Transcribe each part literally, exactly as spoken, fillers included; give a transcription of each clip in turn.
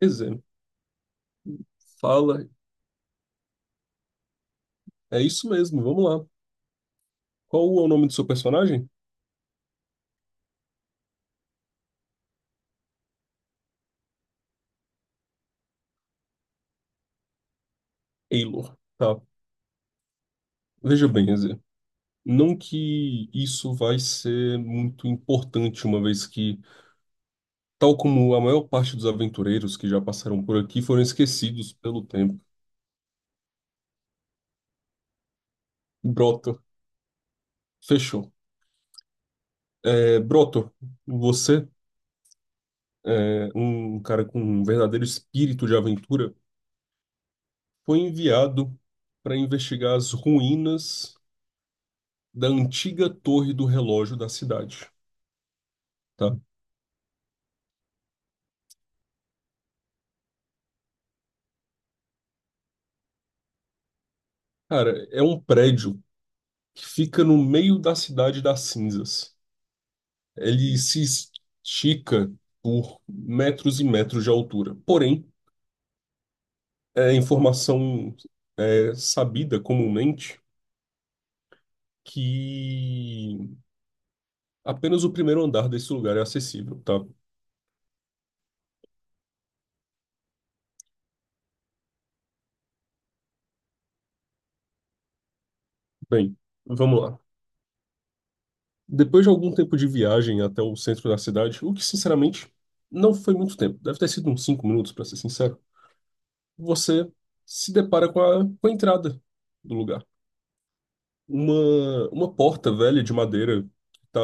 Quer dizer, fala. É isso mesmo, vamos lá. Qual é o nome do seu personagem? Eilor. Tá. Veja bem, quer dizer, não que isso vai ser muito importante, uma vez que, tal como a maior parte dos aventureiros que já passaram por aqui, foram esquecidos pelo tempo. Broto. Fechou. É, Broto, você, é, um cara com um verdadeiro espírito de aventura, foi enviado para investigar as ruínas da antiga torre do relógio da cidade. Tá? Cara, é um prédio que fica no meio da cidade das cinzas. Ele se estica por metros e metros de altura. Porém, é informação é, sabida comumente que apenas o primeiro andar desse lugar é acessível, tá? Bem, vamos lá. Depois de algum tempo de viagem até o centro da cidade, o que sinceramente não foi muito tempo, deve ter sido uns cinco minutos, para ser sincero, você se depara com a, com a entrada do lugar. uma, uma porta velha de madeira que tá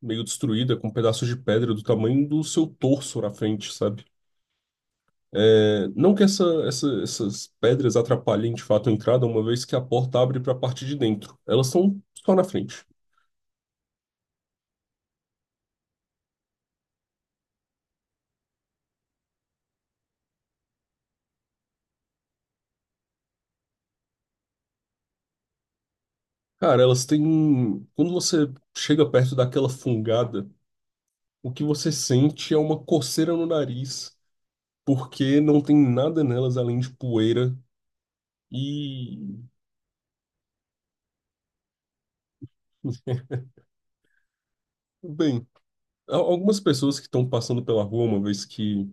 meio destruída, com pedaços de pedra do tamanho do seu torso na frente, sabe? É, não que essa, essa- essas pedras atrapalhem de fato a entrada, uma vez que a porta abre para a parte de dentro. Elas são só na frente. Cara, elas têm. Quando você chega perto daquela fungada, o que você sente é uma coceira no nariz, porque não tem nada nelas além de poeira e. Bem. Al- Algumas pessoas que estão passando pela rua, uma vez que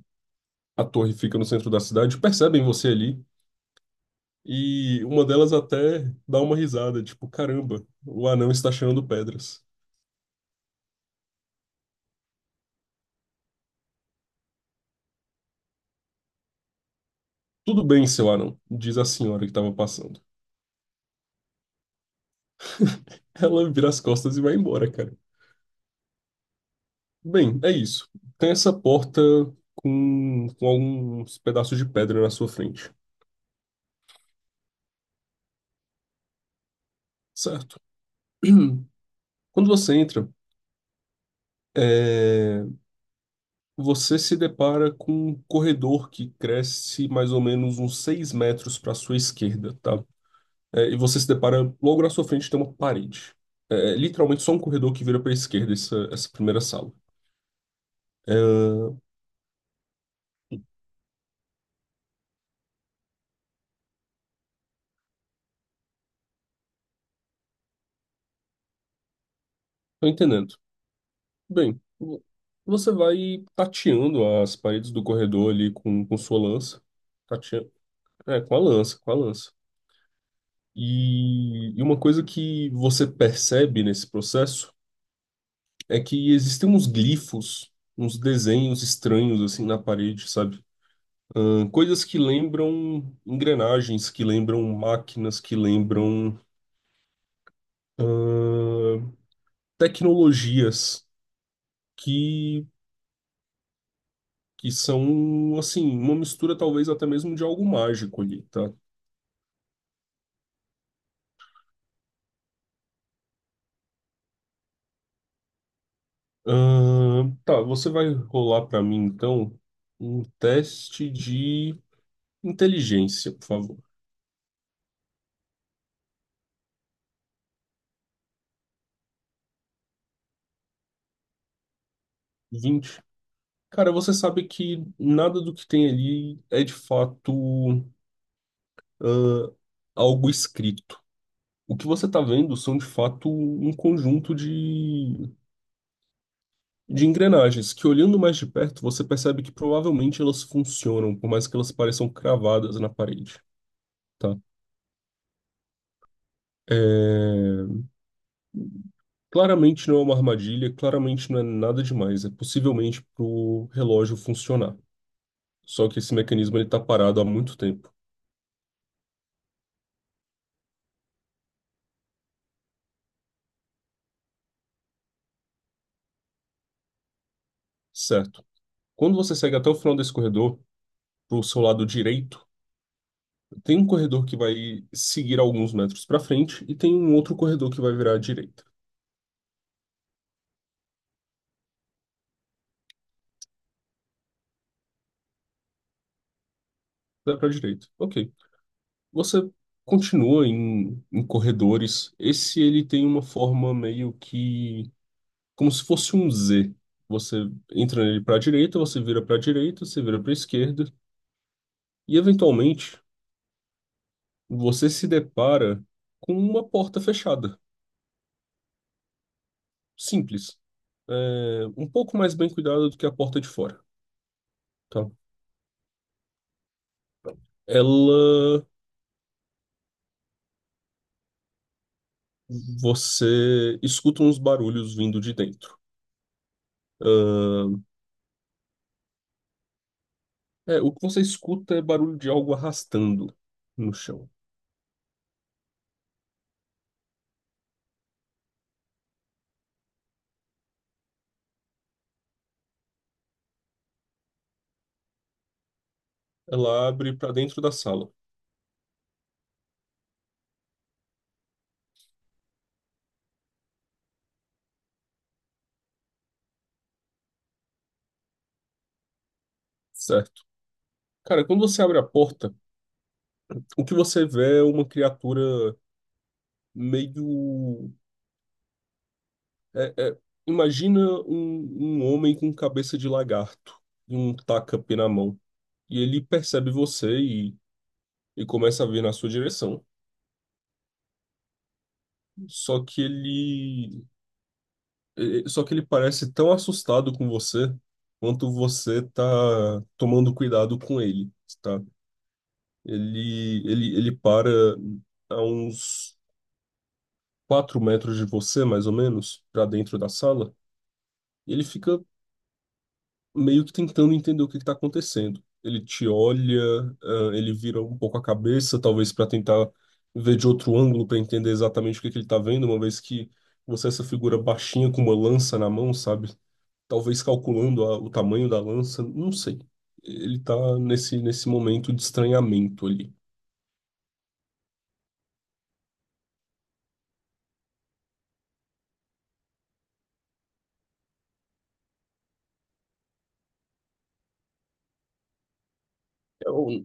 a torre fica no centro da cidade, percebem você ali e uma delas até dá uma risada, tipo, caramba, o anão está cheirando pedras. Tudo bem, seu anão, diz a senhora que estava passando. Ela vira as costas e vai embora, cara. Bem, é isso. Tem essa porta com, com alguns pedaços de pedra na sua frente, certo? Quando você entra, é, Você se depara com um corredor que cresce mais ou menos uns seis metros para sua esquerda, tá? É, e você se depara logo na sua frente tem uma parede. É, é literalmente só um corredor que vira para a esquerda essa, essa primeira sala. É, tô entendendo. Bem, vo- você vai tateando as paredes do corredor ali com, com sua lança. Tateando, é, com a lança, com a lança. E, e uma coisa que você percebe nesse processo é que existem uns glifos, uns desenhos estranhos assim na parede, sabe? Ahn, Coisas que lembram engrenagens, que lembram máquinas, que lembram tecnologias, que, que são assim, uma mistura talvez até mesmo de algo mágico ali, tá? Ahn, tá, você vai rolar pra mim então um teste de inteligência, por favor. Vinte. Cara, você sabe que nada do que tem ali é de fato algo escrito. O que você está vendo são, de fato, um conjunto de, de engrenagens que, olhando mais de perto, você percebe que provavelmente elas funcionam, por mais que elas pareçam cravadas na parede, tá? É, Claramente não é uma armadilha, claramente não é nada demais. É possivelmente para o relógio funcionar. Só que esse mecanismo ele está parado há muito tempo, certo? Quando você segue até o final desse corredor, para o seu lado direito, tem um corredor que vai seguir alguns metros para frente e tem um outro corredor que vai virar à direita. Dá para direita. Ok. Você continua em, em corredores. Esse ele tem uma forma meio que como se fosse um Z. Você entra nele para a direita, você vira para a direita, você vira para a esquerda e eventualmente você se depara com uma porta fechada. Simples. É, um pouco mais bem cuidada do que a porta de fora. Tá? Ela Você escuta uns barulhos vindo de dentro. Ahn, é, o que você escuta é barulho de algo arrastando no chão. Ela abre para dentro da sala, certo? Cara, quando você abre a porta, o que você vê é uma criatura meio. é- é- imagina um, um homem com cabeça de lagarto e um tacape na mão. E ele percebe você e, e começa a vir na sua direção. Só que ele E- Só que ele parece tão assustado com você quanto você tá tomando cuidado com ele, tá? Ele, ele, ele para a uns quatro metros de você, mais ou menos, para dentro da sala, e ele fica meio que tentando entender o que que tá acontecendo. Ele te olha, ah, ele vira um pouco a cabeça, talvez para tentar ver de outro ângulo para entender exatamente o que que ele tá vendo, uma vez que você é essa figura baixinha com uma lança na mão, sabe? Talvez calculando a- o tamanho da lança, não sei. Ele tá nesse, nesse momento de estranhamento ali. Eu-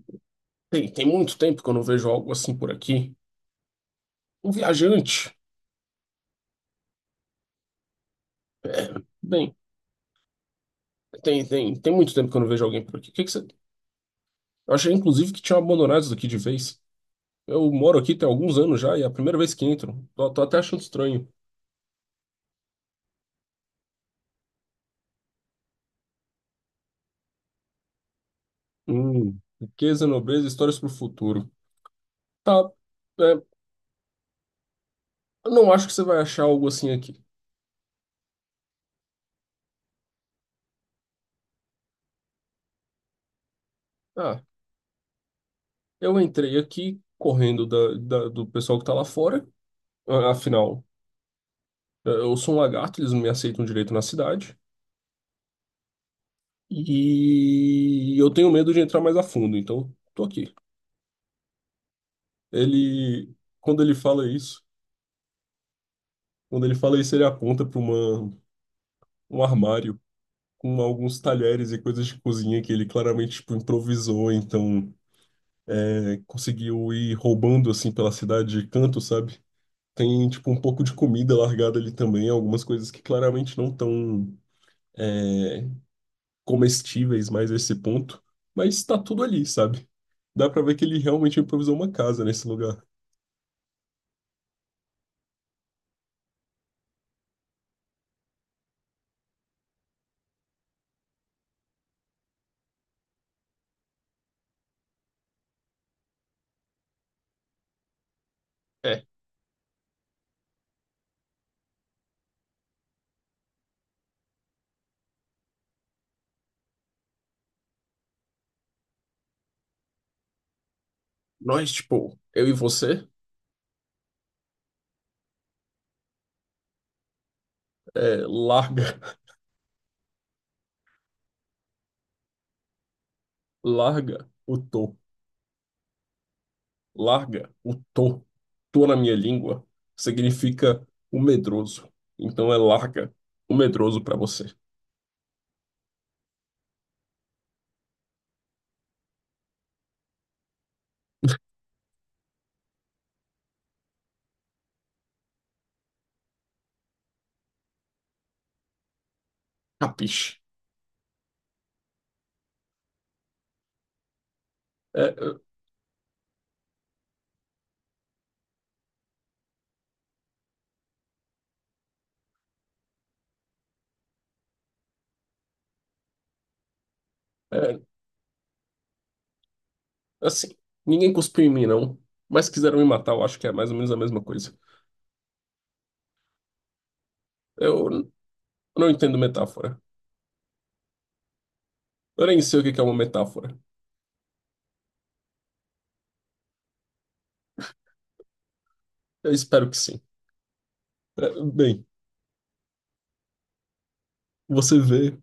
tem, tem muito tempo que eu não vejo algo assim por aqui. Um viajante. Bem, tem, tem, tem muito tempo que eu não vejo alguém por aqui. O que que você... Eu achei, inclusive, que tinha abandonado isso daqui de vez. Eu moro aqui tem alguns anos já e é a primeira vez que entro. Tô, tô até achando estranho. Hum, riqueza, nobreza, histórias pro futuro. Tá, é, eu não acho que você vai achar algo assim aqui. Ah, eu entrei aqui correndo da, da- do pessoal que tá lá fora. A- Afinal, é, eu sou um lagarto, eles não me aceitam direito na cidade. E eu tenho medo de entrar mais a fundo, então tô aqui. Ele, quando ele fala isso, quando ele fala isso, ele aponta para uma um armário com alguns talheres e coisas de cozinha que ele claramente tipo improvisou, então é, conseguiu ir roubando assim pela cidade de canto, sabe? Tem tipo um pouco de comida largada ali também, algumas coisas que claramente não estão comestíveis mais a esse ponto, mas tá tudo ali, sabe? Dá pra ver que ele realmente improvisou uma casa nesse lugar. É, nós, tipo, eu e você, é, larga, larga o tô, larga o tô. Tô na minha língua significa o medroso. Então é larga o medroso pra você. Capiche? É, é, é, assim, ninguém cuspiu em mim, não. Mas quiseram me matar, eu acho que é mais ou menos a mesma coisa. Eu n- não entendo metáfora. Eu nem sei o que que é uma metáfora. Eu espero que sim. É, Bem, você vê,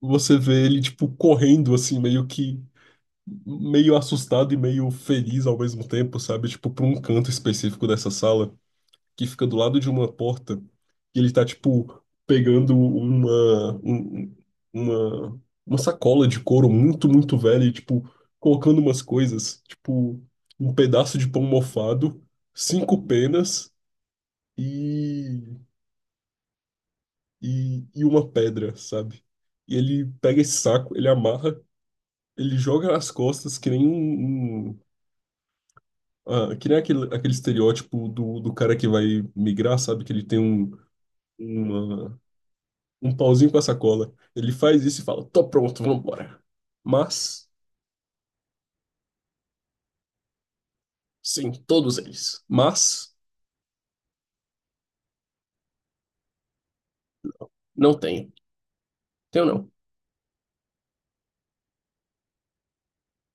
você vê ele tipo correndo assim, meio que meio assustado e meio feliz ao mesmo tempo, sabe? Tipo para um canto específico dessa sala que fica do lado de uma porta e ele tá tipo pegando uma um- uma uma sacola de couro muito, muito velha e tipo colocando umas coisas, tipo um pedaço de pão mofado, cinco penas e e, e uma pedra, sabe? E ele pega esse saco, ele amarra, ele joga nas costas, que nem um, um- ah, que nem aquele, aquele estereótipo do, do cara que vai migrar, sabe? Que ele tem um, uma, um pauzinho com a sacola. Ele faz isso e fala: tô pronto, vambora. Mas, sim, todos eles. Mas, não tenho. Tenho não.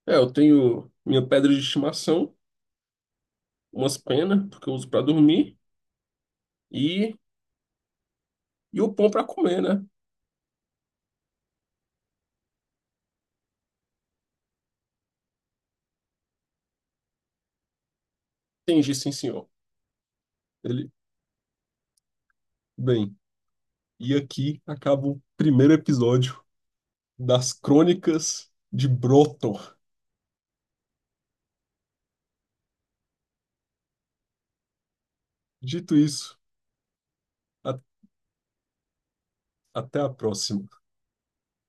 É, eu tenho minha pedra de estimação, umas penas, porque eu uso pra dormir, e, e o pão pra comer, né? Entendi, sim, senhor. Ele, bem. E aqui acaba o primeiro episódio das Crônicas de Broto. Dito isso, a- até a próxima.